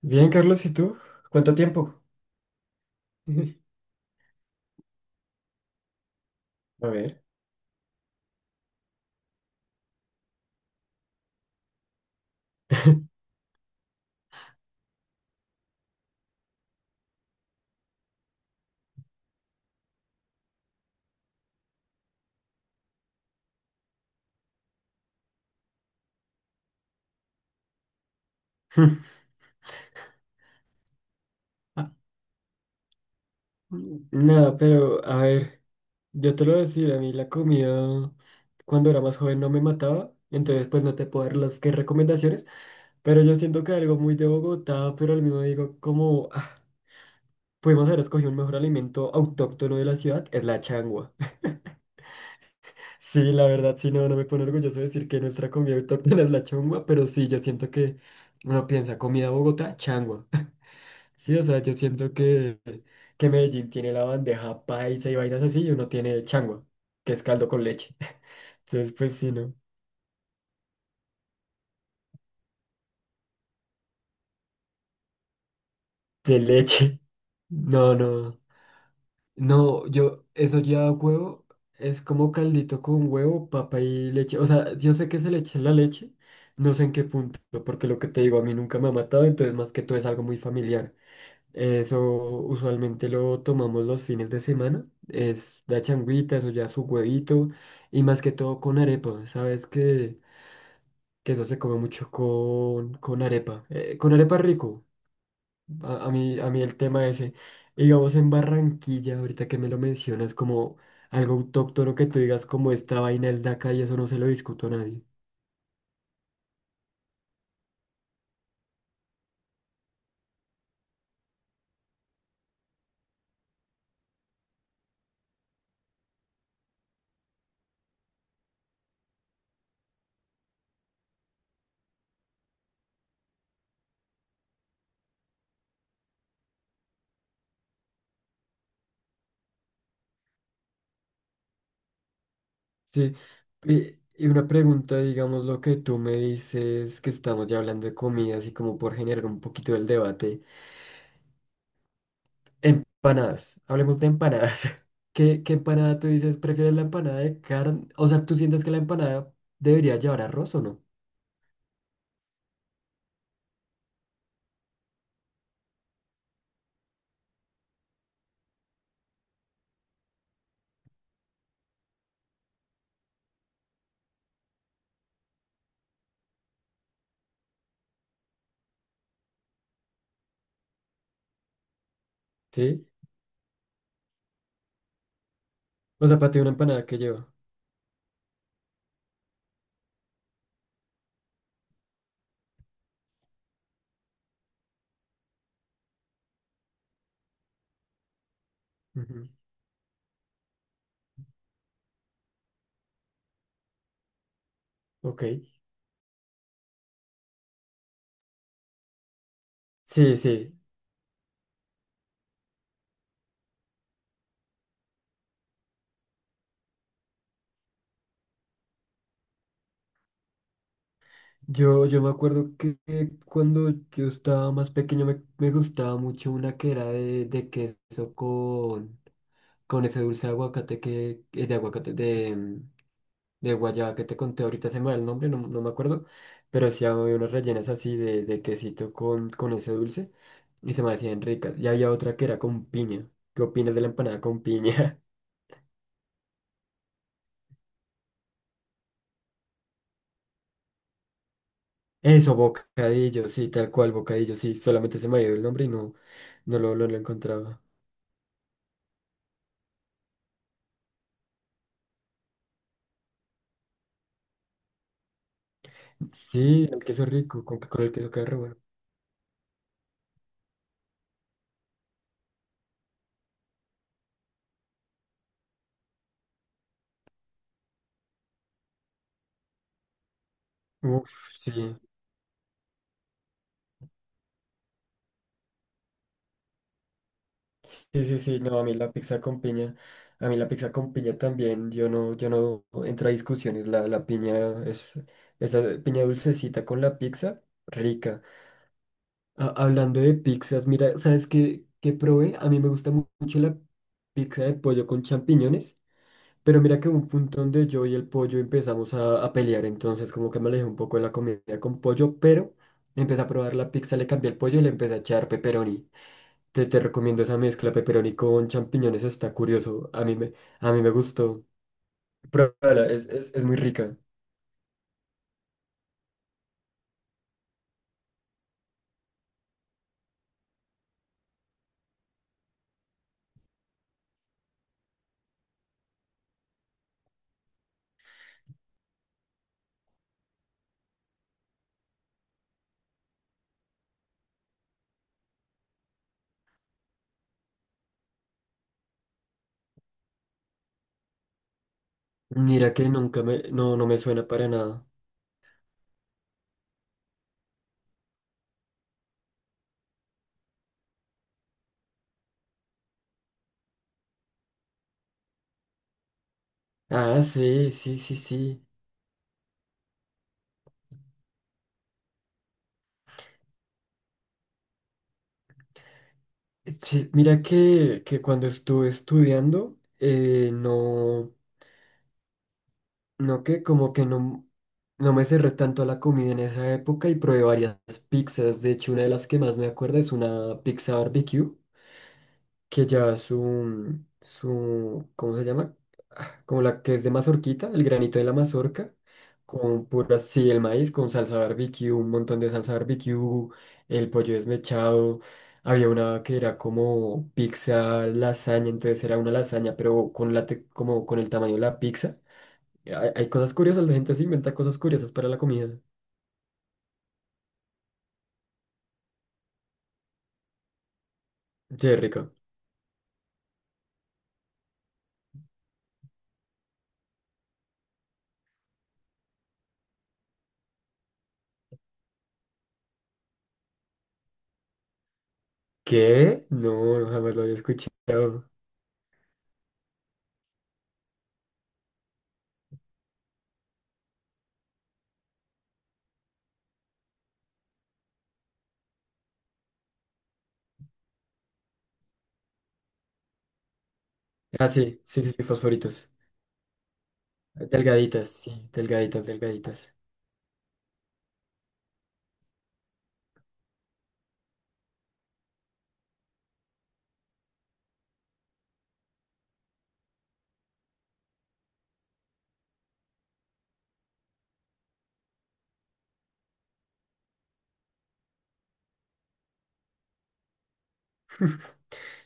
Bien, Carlos, ¿y tú? ¿Cuánto tiempo? A ver. Ah, nada, pero a ver, yo te lo voy a decir, a mí la comida cuando era más joven no me mataba, entonces pues no te puedo dar las que recomendaciones, pero yo siento que algo muy de Bogotá, pero al mismo digo como, ah, pudimos haber escogido un mejor alimento autóctono de la ciudad, es la changua. Sí, la verdad, sí, no, no me pone orgulloso decir que nuestra comida autóctona es la changua, pero sí, yo siento que uno piensa comida Bogotá, changua. Sí, o sea, yo siento que Medellín tiene la bandeja paisa y vainas así y uno tiene changua, que es caldo con leche. Entonces, pues sí, ¿no? De leche. No, no. No, yo, eso ya huevo, es como caldito con huevo, papa y leche. O sea, yo sé que se le echa la leche, no sé en qué punto, porque lo que te digo, a mí nunca me ha matado, entonces más que todo es algo muy familiar. Eso usualmente lo tomamos los fines de semana. Es la changuita, eso ya su huevito. Y más que todo con arepa. Sabes que eso se come mucho con arepa. Con arepa rico. A mí el tema ese. Y digamos en Barranquilla, ahorita que me lo mencionas, como algo autóctono que tú digas como esta vaina es de acá y eso no se lo discuto a nadie. Sí. Y una pregunta, digamos, lo que tú me dices, que estamos ya hablando de comida, así como por generar un poquito el debate. Empanadas, hablemos de empanadas. ¿Qué, qué empanada tú dices? ¿Prefieres la empanada de carne? O sea, ¿tú sientes que la empanada debería llevar arroz o no? Sí. O sea, para ti una empanada que lleva. Ujú. Ok. Sí, sí. Yo me acuerdo que cuando yo estaba más pequeño me, me gustaba mucho una que era de queso con ese dulce de aguacate que, de aguacate, de, mm, de guayaba que te conté ahorita, se me va el nombre, no, no me acuerdo, pero sí había unas rellenas así de quesito con ese dulce y se me hacían ricas. Y había otra que era con piña. ¿Qué opinas de la empanada con piña? Eso, bocadillo, sí, tal cual, bocadillo, sí, solamente se me ha ido el nombre y no, no lo, no lo encontraba. Sí, el queso rico, con el queso queda re bueno. Uf, sí. Sí, sí, sí, no, a mí la pizza con piña, a mí la pizza con piña también, yo no, yo no entro a discusiones, la piña es, esa piña dulcecita con la pizza, rica. Ah, hablando de pizzas, mira, ¿sabes qué, qué probé? A mí me gusta mucho la pizza de pollo con champiñones, pero mira que hubo un punto donde yo y el pollo empezamos a pelear, entonces como que me alejé un poco de la comida con pollo, pero empecé a probar la pizza, le cambié el pollo y le empecé a echar pepperoni. Te recomiendo esa mezcla pepperoni con champiñones, está curioso. A mí me gustó. Pruébala, es muy rica. Mira que nunca me, no, no me suena para nada. Ah, sí, sí, sí, sí. Sí, mira que cuando estuve estudiando, no, no que como que no, no me cerré tanto a la comida en esa época y probé varias pizzas. De hecho, una de las que más me acuerdo es una pizza barbecue que lleva su, su, ¿cómo se llama? Ah, como la que es de mazorquita, el granito de la mazorca, con pura, sí, el maíz, con salsa barbecue, un montón de salsa barbecue, el pollo desmechado. Había una que era como pizza lasaña, entonces era una lasaña, pero con como con el tamaño de la pizza. Hay cosas curiosas, la gente se inventa cosas curiosas para la comida. Sí, rico. ¿Qué? No, no, jamás lo había escuchado. Ah, sí, sí, sí, sí, fosforitos. Delgaditas, sí, delgaditas, delgaditas.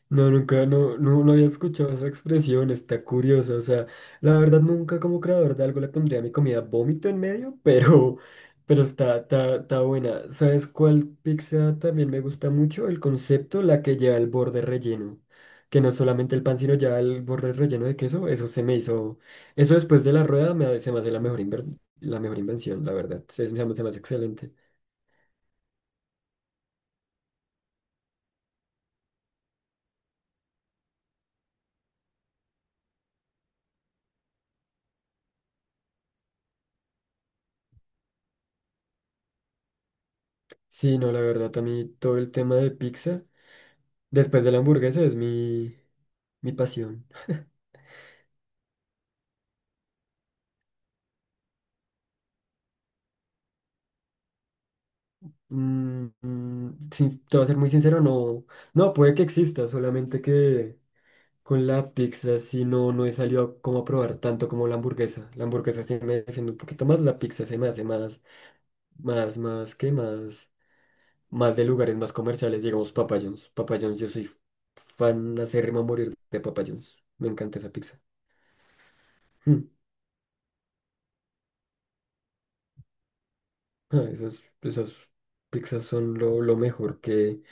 No, nunca, no, no, no había escuchado esa expresión, está curiosa, o sea, la verdad nunca como creador de algo le pondría a mi comida vómito en medio, pero está, está, está buena. ¿Sabes cuál pizza también me gusta mucho? El concepto, la que lleva el borde relleno, que no solamente el pan, sino ya el borde relleno de queso, eso se me hizo, eso después de la rueda me, se me hace la mejor, la mejor invención, la verdad, se me hace excelente. Sí, no, la verdad, a mí todo el tema de pizza, después de la hamburguesa, es mi, mi pasión. Mm, mm, te voy a ser muy sincero, no, no, puede que exista, solamente que con la pizza sí no, no he salido como a probar tanto como la hamburguesa. La hamburguesa sí me defiende un poquito más, la pizza se me hace más, más, más, ¿qué más? Más de lugares más comerciales, digamos Papa John's. Papa John's, yo soy fan acérrimo a morir de Papa John's. Me encanta esa pizza. Hmm. Ah, esas, esas pizzas son lo mejor que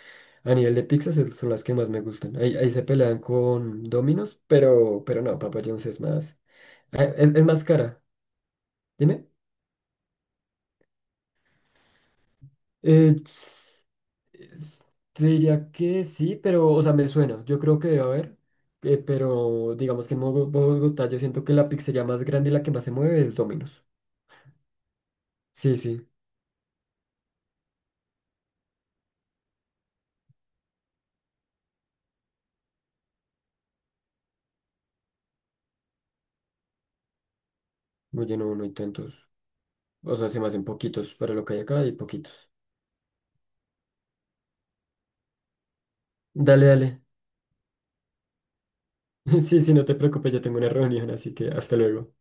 a nivel de son las que más me gustan. Ahí, ahí se pelean con Domino's, pero no, Papa John's es más. Ah, es más cara. Dime. Eh, s- es- Te diría que sí, pero, o sea, me suena. Yo creo que debe haber. Pero digamos que en Bogotá yo siento que la pizzería más grande y la que más se mueve es Domino's. Sí, sí. Oye, no, no hay tantos. O sea, se me hacen poquitos para lo que hay acá y poquitos. Dale, dale. Sí, sí, no te preocupes, yo tengo una reunión, así que hasta luego.